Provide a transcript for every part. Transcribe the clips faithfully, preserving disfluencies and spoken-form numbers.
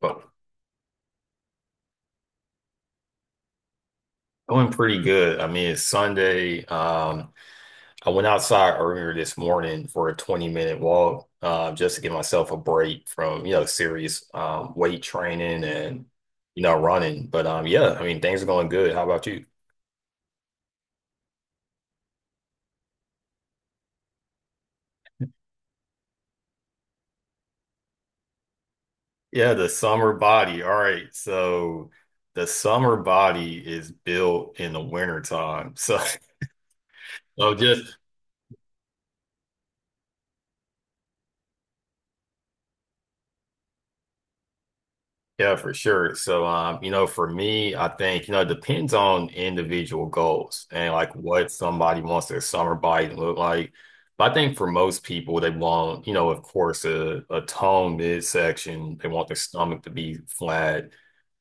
But going pretty good. I mean, it's Sunday. Um, I went outside earlier this morning for a twenty minute walk, uh, just to give myself a break from, you know, serious um, weight training and, you know, running. But um, yeah, I mean, things are going good. How about you? Yeah, the summer body. All right. So the summer body is built in the winter time. So, so just. Yeah, for sure. So, um, you know, for me, I think, you know, it depends on individual goals and like what somebody wants their summer body to look like. But I think for most people, they want, you know, of course, a, a toned midsection. They want their stomach to be flat.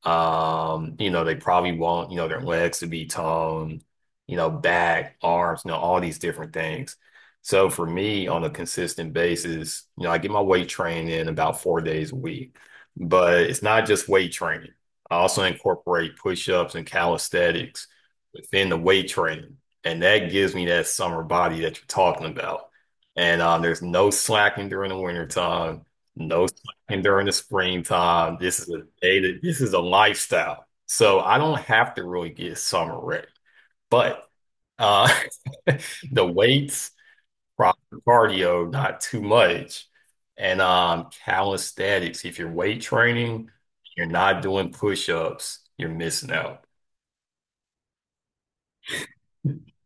Um, you know, they probably want, you know, their legs to be toned, you know, back, arms, you know, all these different things. So for me, on a consistent basis, you know, I get my weight training in about four days a week, but it's not just weight training. I also incorporate push-ups and calisthenics within the weight training, and that gives me that summer body that you're talking about. And um, there's no slacking during the wintertime, no slacking during the springtime. This is a day that this is a lifestyle. So I don't have to really get summer ready, but uh, the weights, proper cardio, not too much, and um, calisthenics. If you're weight training, you're not doing push-ups, you're missing out.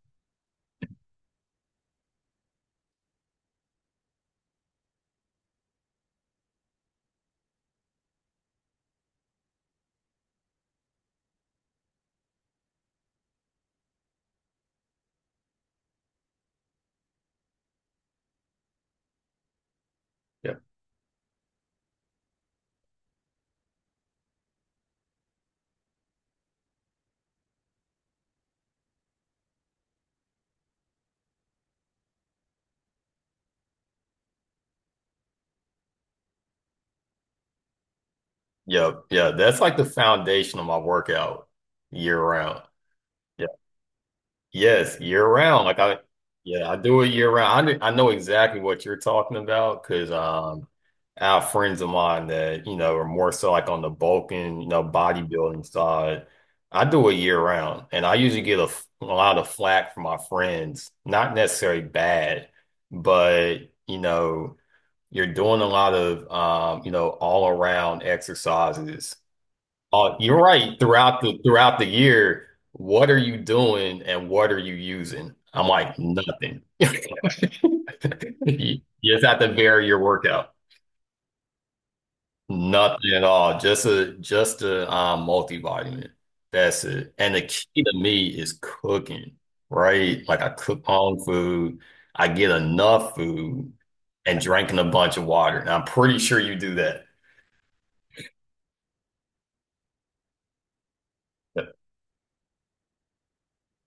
Yep, yep, yeah. That's like the foundation of my workout year round. Yes, year round. Like I, yeah, I do it year round. I, kn- I know exactly what you're talking about, because um, I have friends of mine that you know are more so like on the bulking, you know, bodybuilding side. I do it year round, and I usually get a, f- a lot of flack from my friends. Not necessarily bad, but you know, you're doing a lot of um, you know, all around exercises. Uh, you're right. Throughout the throughout the year, what are you doing and what are you using? I'm like, nothing. You just have to vary your workout. Nothing at all. Just a just a um multivitamin. That's it. And the key to me is cooking, right? Like I cook my own food, I get enough food and drinking a bunch of water. And I'm pretty sure you do that. Yeah.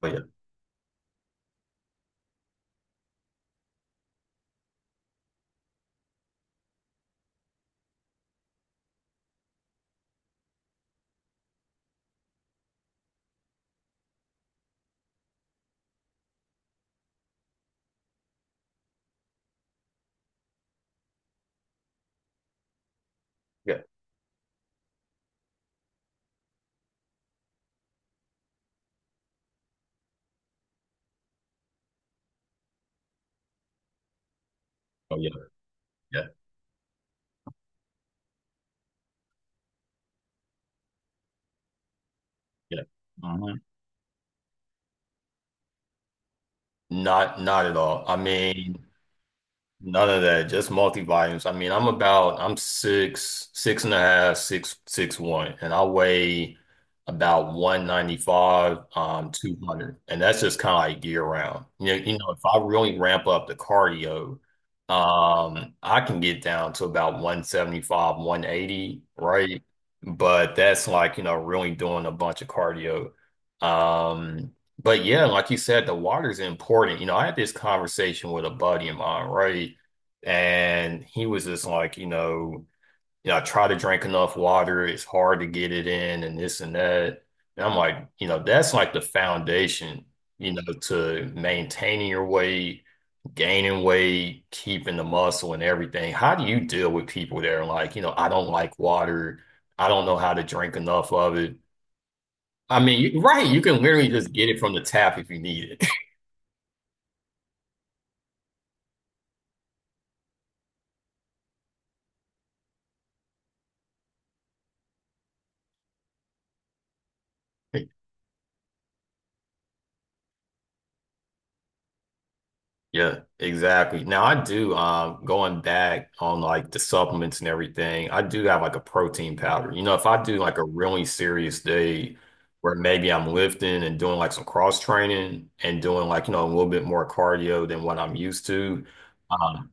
Oh yeah. Yeah. Oh yeah. Yeah. Yeah. Not not at all. I mean, none of that. Just multi-volumes. I mean, I'm about I'm six, six and a half, six, six one, and I weigh about one ninety-five, um, two hundred. And that's just kind of like year round. You know, you know, if I really ramp up the cardio, um, I can get down to about one seventy-five, one eighty, right? But that's like, you know, really doing a bunch of cardio. Um, but yeah, like you said, the water's important. You know, I had this conversation with a buddy of mine, right? And he was just like, you know, you know, I try to drink enough water. It's hard to get it in and this and that. And I'm like, you know, that's like the foundation, you know, to maintaining your weight, gaining weight, keeping the muscle and everything. How do you deal with people that are like, you know, I don't like water. I don't know how to drink enough of it. I mean, you, right, you can literally just get it from the tap if you need it. Yeah, exactly. Now I do um going back on like the supplements and everything, I do have like a protein powder. You know, if I do like a really serious day where maybe I'm lifting and doing like some cross training and doing like, you know, a little bit more cardio than what I'm used to. um,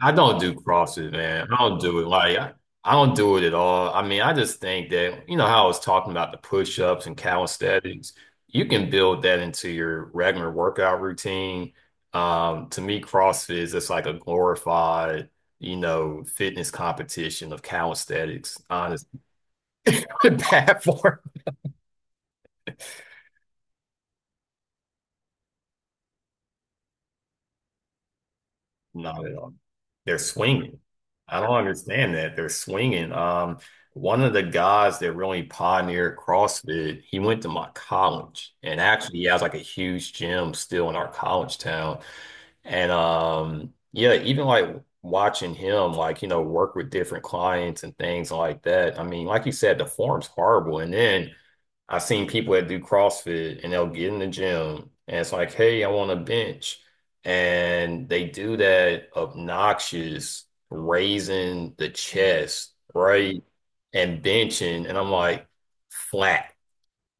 I don't do CrossFit, man. I don't do it. Like, I, I don't do it at all. I mean, I just think that, you know, how I was talking about the push-ups and calisthenics, you can build that into your regular workout routine. Um, to me, CrossFit is just like a glorified, you know, fitness competition of calisthenics, honestly. Bad form. Not at all. They're swinging. I don't understand that. They're swinging. Um, one of the guys that really pioneered CrossFit, he went to my college, and actually, he has like a huge gym still in our college town. And um, yeah, even like watching him, like you know, work with different clients and things like that. I mean, like you said, the form's horrible, and then I've seen people that do CrossFit and they'll get in the gym and it's like, hey, I want a bench. And they do that obnoxious raising the chest, right? And benching. And I'm like, flat.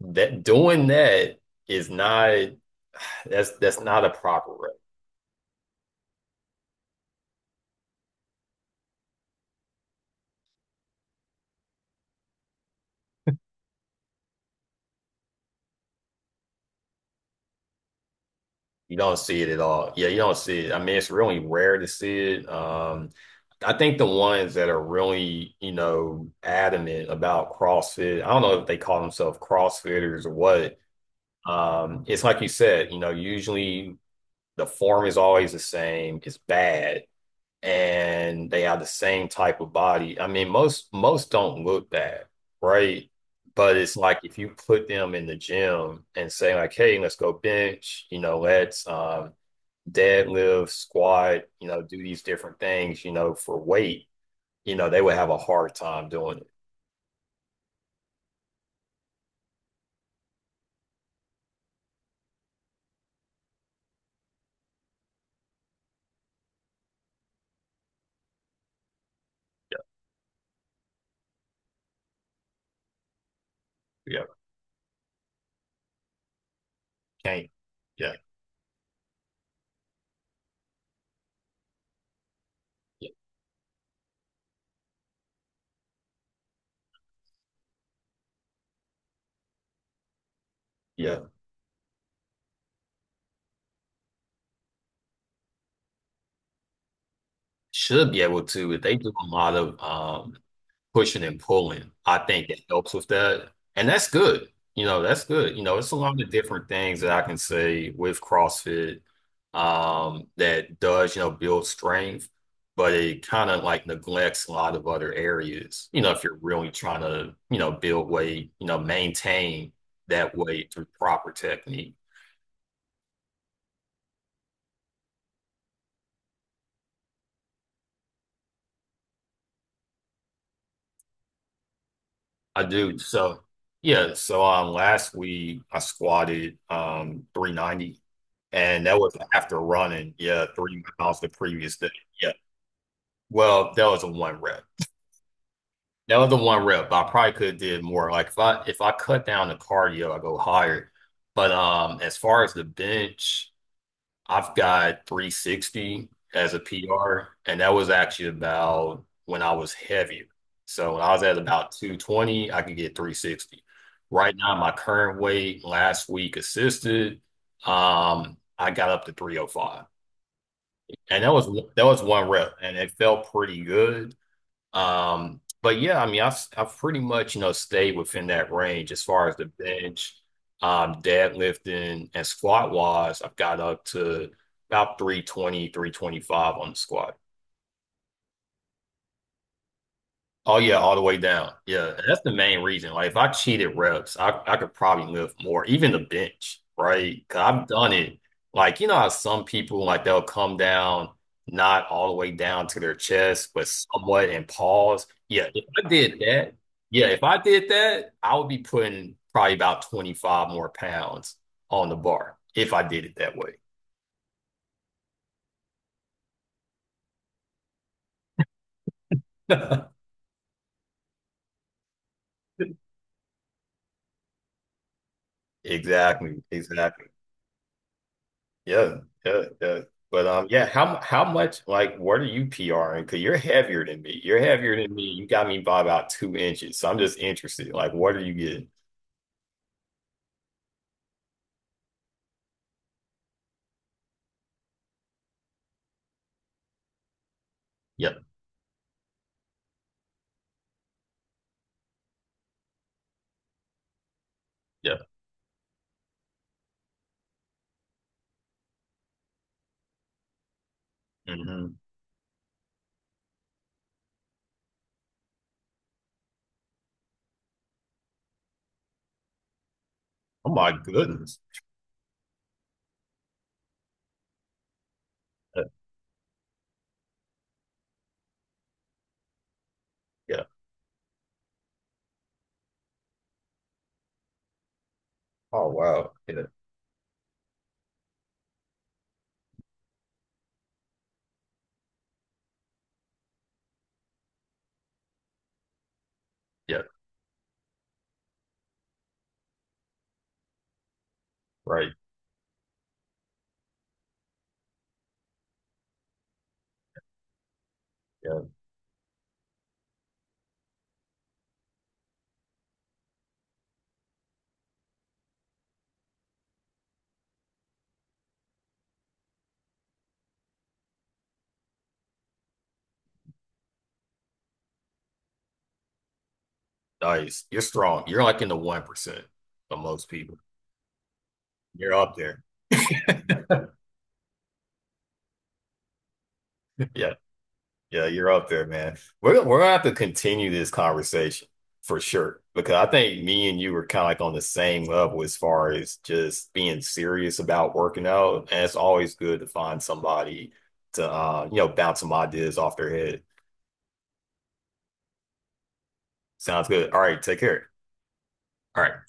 That doing that is not, that's that's not a proper. You don't see it at all. Yeah, you don't see it. I mean, it's really rare to see it. Um, I think the ones that are really, you know, adamant about CrossFit, I don't know if they call themselves CrossFitters or what. Um, it's like you said, you know, usually the form is always the same. It's bad and they are the same type of body. I mean, most most don't look that, right? But it's like if you put them in the gym and say like, hey, let's go bench, you know, let's um deadlift, squat, you know, do these different things, you know, for weight, you know, they would have a hard time doing it. Yeah, yeah. Can't. Yeah. Yeah. Yeah. Should be able to, but they do a lot of um pushing and pulling. I think it helps with that. And that's good. You know, that's good. You know, it's a lot of different things that I can say with CrossFit um, that does, you know, build strength, but it kind of like neglects a lot of other areas. You know, if you're really trying to, you know, build weight, you know, maintain that weight through proper technique. I do. So yeah, so um last week I squatted um three ninety, and that was after running, yeah, three miles the previous day. Yeah. Well, that was a one rep. That was a one rep. I probably could have did more. Like if I if I cut down the cardio, I go higher. But um as far as the bench, I've got three sixty as a P R, and that was actually about when I was heavier. So when I was at about two twenty, I could get three sixty. Right now, my current weight last week assisted, um, I got up to three oh five. And that was that was one rep, and it felt pretty good. Um, but yeah, I mean, I've I've pretty much, you know, stayed within that range as far as the bench. um, deadlifting and squat wise, I've got up to about three twenty, three twenty five on the squat. Oh yeah, all the way down. Yeah, and that's the main reason. Like if I cheated reps, I, I could probably lift more, even the bench, right? Cause I've done it. Like you know how some people like they'll come down not all the way down to their chest, but somewhat and pause. Yeah, if I did that, yeah, if I did that, I would be putting probably about twenty-five more pounds on the bar if I did it that way. Exactly, exactly. Yeah, yeah, yeah. But um, yeah, how how much, like, what are you PRing? Because you're heavier than me. You're heavier than me. You got me by about two inches. So I'm just interested. Like, what are you getting? Yeah, yeah. Hmm. Oh my goodness. Uh, yeah. Oh wow. Yeah, yeah. Right. Yeah. Nice. You're strong. You're like in the one percent for most people. You're up there. Yeah. Yeah, you're up there, man. We're we're gonna have to continue this conversation for sure, because I think me and you were kind of like on the same level as far as just being serious about working out, and it's always good to find somebody to uh, you know bounce some ideas off their head. Sounds good. All right, take care. All right.